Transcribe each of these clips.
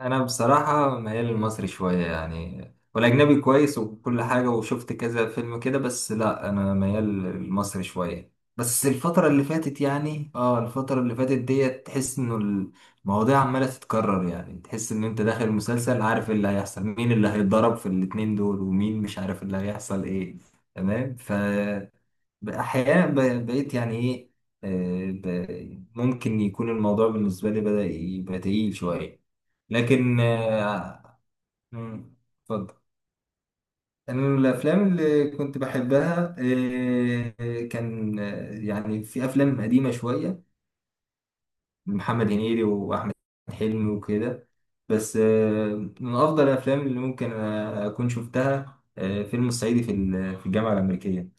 انا بصراحه ميال للمصري شويه يعني. والاجنبي كويس وكل حاجه، وشفت كذا فيلم كده. بس لا، انا ميال للمصري شويه. بس الفتره اللي فاتت ديت، تحس انه المواضيع عماله تتكرر. يعني تحس ان انت داخل مسلسل، عارف اللي هيحصل، مين اللي هيتضرب في الاتنين دول ومين، مش عارف اللي هيحصل ايه. تمام، ف احيانا بقيت يعني ايه، ممكن يكون الموضوع بالنسبه لي بدأ يبقى تقيل شويه. لكن مم، اتفضل. انا من الافلام اللي كنت بحبها، كان، يعني في افلام قديمه شويه، محمد هنيدي واحمد حلمي وكده. بس من افضل الافلام اللي ممكن اكون شفتها، فيلم الصعيدي في الجامعه الامريكيه.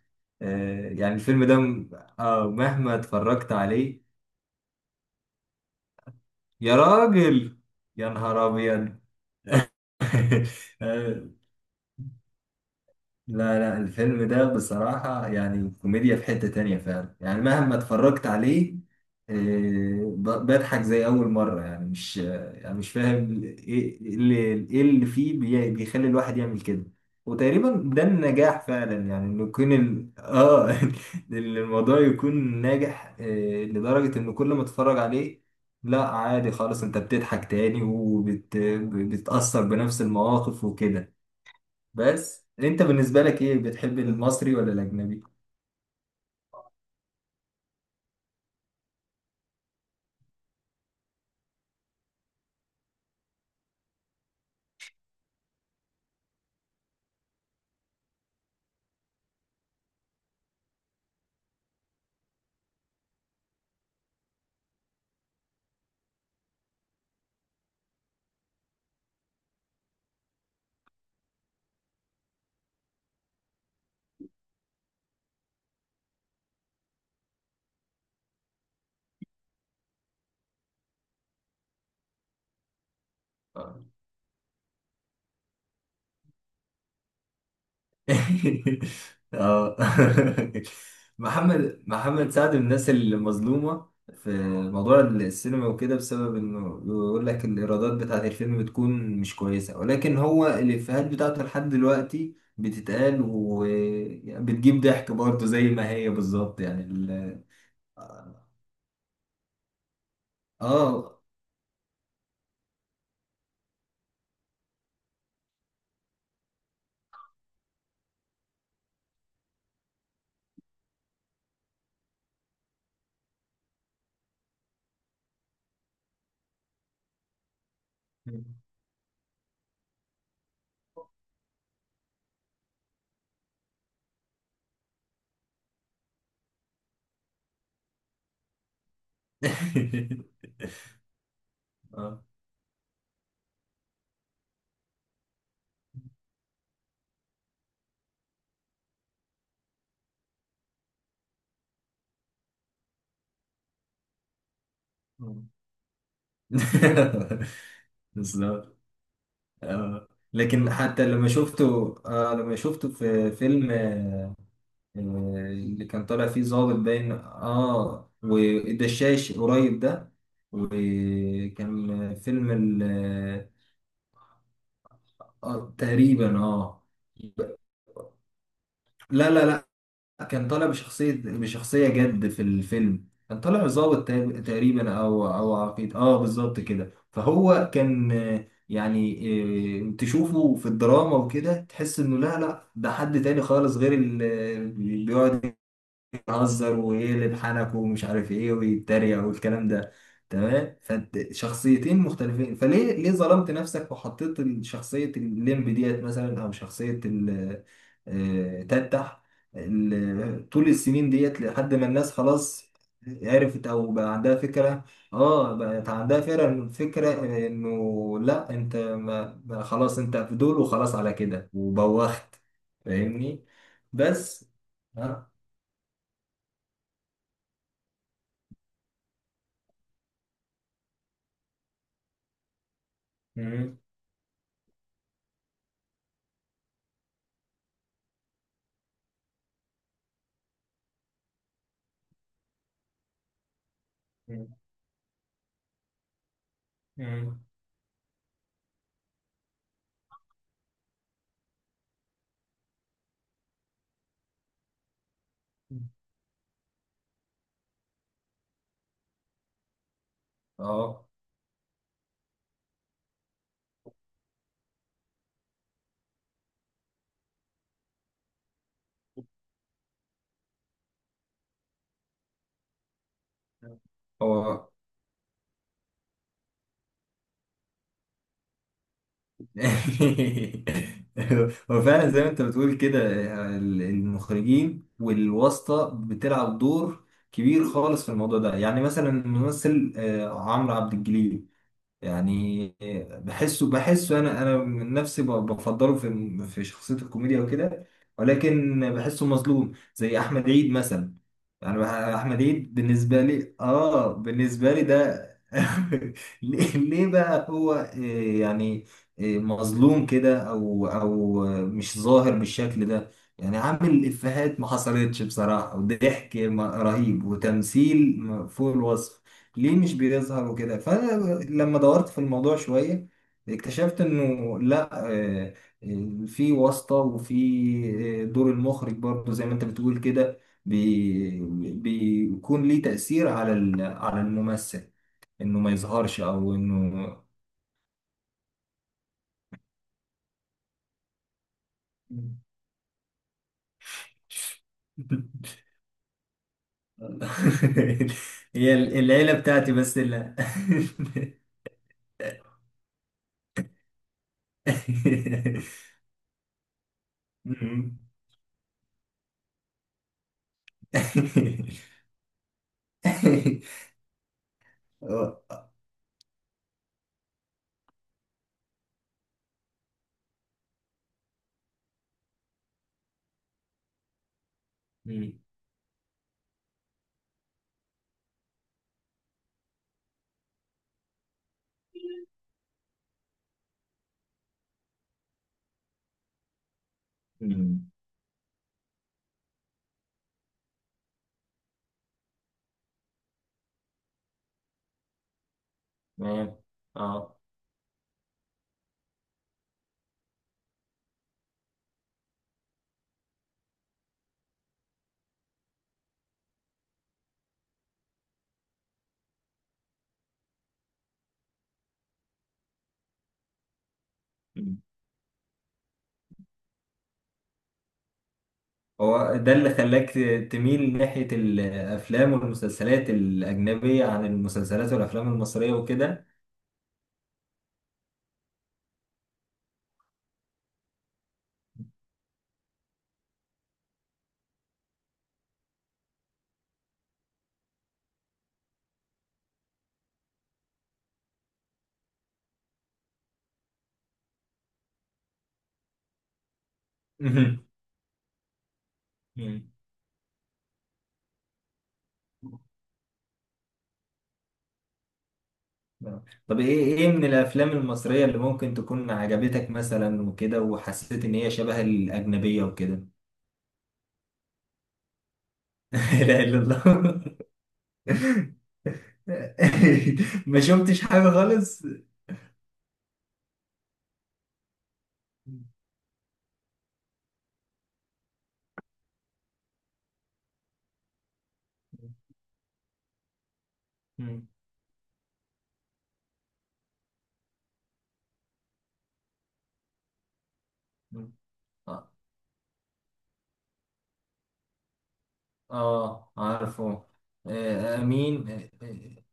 يعني الفيلم ده مهما اتفرجت عليه. يا راجل، يا نهار ابيض. لا لا، الفيلم ده بصراحة يعني كوميديا في حتة تانية فعلا، يعني مهما اتفرجت عليه، بضحك زي أول مرة. يعني مش آه، يعني مش فاهم إيه اللي, إيه اللي فيه بيخلي الواحد يعمل كده. وتقريبا ده النجاح فعلا، يعني إنه يكون ال... آه إن الموضوع يكون ناجح، لدرجة إن كل ما اتفرج عليه. لا عادي خالص، أنت بتضحك تاني وبتأثر بنفس المواقف وكده. بس انت بالنسبة لك ايه، بتحب المصري ولا الاجنبي؟ اه. آه. محمد سعد من الناس المظلومة في موضوع السينما وكده، بسبب انه بيقول لك الايرادات بتاعت الفيلم بتكون مش كويسة، ولكن هو الافيهات بتاعته لحد دلوقتي بتتقال وبتجيب ضحك برضه زي ما هي بالظبط. يعني اه. اه. بالظبط. آه. لكن حتى لما شفته في فيلم، آه، اللي كان طالع فيه ظابط باين، والدشاش قريب ده، وكان فيلم، ال- تقريبا لا لا، كان طالع بشخصية جد في الفيلم. كان طالع ظابط، تقريبا، او عقيد، بالظبط كده. فهو كان، تشوفه في الدراما وكده، تحس انه لا لا، ده حد تاني خالص، غير اللي بيقعد يهزر ويقلب حنك ومش عارف ايه ويتريق والكلام ده. تمام، فانت شخصيتين مختلفين. فليه، ليه ظلمت نفسك وحطيت شخصية الليمب ديت مثلا، او شخصية ال- آه، تتح ال- طول السنين ديت لحد ما الناس خلاص عرفت او بقى عندها فكرة، اه، بقت عندها فكرة انه لا، انت ما خلاص انت في دول، وخلاص على كده وبوخت. فاهمني؟ بس ها. مم. مم. اه هو. هو فعلا زي ما انت بتقول كده، المخرجين والواسطة بتلعب دور كبير خالص في الموضوع ده. يعني مثلا الممثل عمرو عبد الجليل، يعني بحسه انا من نفسي بفضله في شخصيه الكوميديا وكده. ولكن بحسه مظلوم زي احمد عيد مثلا. يعني احمد عيد بالنسبه لي ده. ليه بقى هو، يعني مظلوم كده، او، مش ظاهر بالشكل ده. يعني عامل افيهات ما حصلتش بصراحه، وضحك رهيب، وتمثيل فوق الوصف. ليه مش بيظهر وكده؟ فانا لما دورت في الموضوع شويه، اكتشفت انه لا، في واسطه، وفي دور المخرج برضه زي ما انت بتقول كده. بي- بيكون ليه تاثير على على الممثل، انه ما يظهرش، او انه. هي العيله بتاعتي، بس لا. تمام. اه. مم. هو ده اللي خلاك تميل ناحية الأفلام والمسلسلات الأجنبية عن المسلسلات والأفلام المصرية وكده؟ مم. مم. آه. طب إيه من الأفلام المصرية اللي ممكن تكون عجبتك مثلا وكده، وحسيت إن هي شبه الأجنبية وكده؟ لا إله إلا الله. ما شفتش حاجة خالص. مم. مم. آه عارفه. أمين.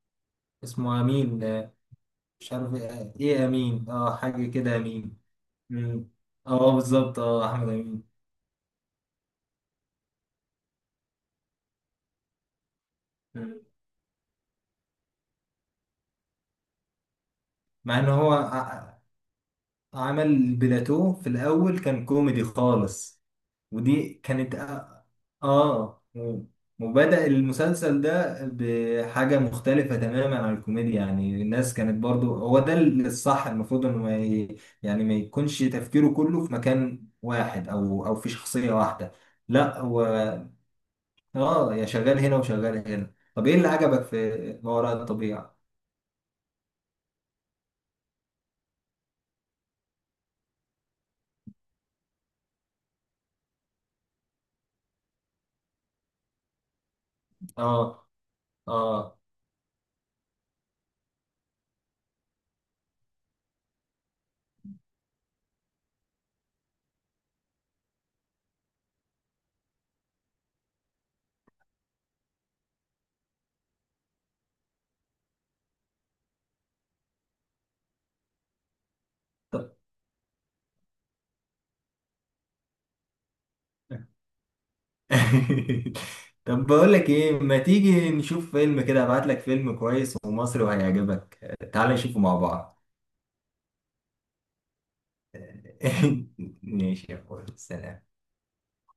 اسمه أمين. مش عارف ايه، إيه امين، حاجه كده، امين. مم. اه، بالظبط. اه احمد امين. مم. مع ان هو عمل بلاتو في الاول، كان كوميدي خالص. ودي كانت آه. مم. وبدأ المسلسل ده بحاجة مختلفة تماما عن الكوميديا. يعني الناس كانت برضو، هو ده الصح، المفروض انه ما ي... يعني ما يكونش تفكيره كله في مكان واحد، او في شخصية واحدة. لا، اه، يا شغال هنا وشغال هنا. طب ايه اللي عجبك في ما وراء الطبيعة؟ اه. اه، طب. طب، بقول لك ايه، ما تيجي نشوف فيلم كده؟ ابعت لك فيلم كويس ومصري وهيعجبك. تعال نشوفه مع بعض. ماشي يا اخويا، سلام.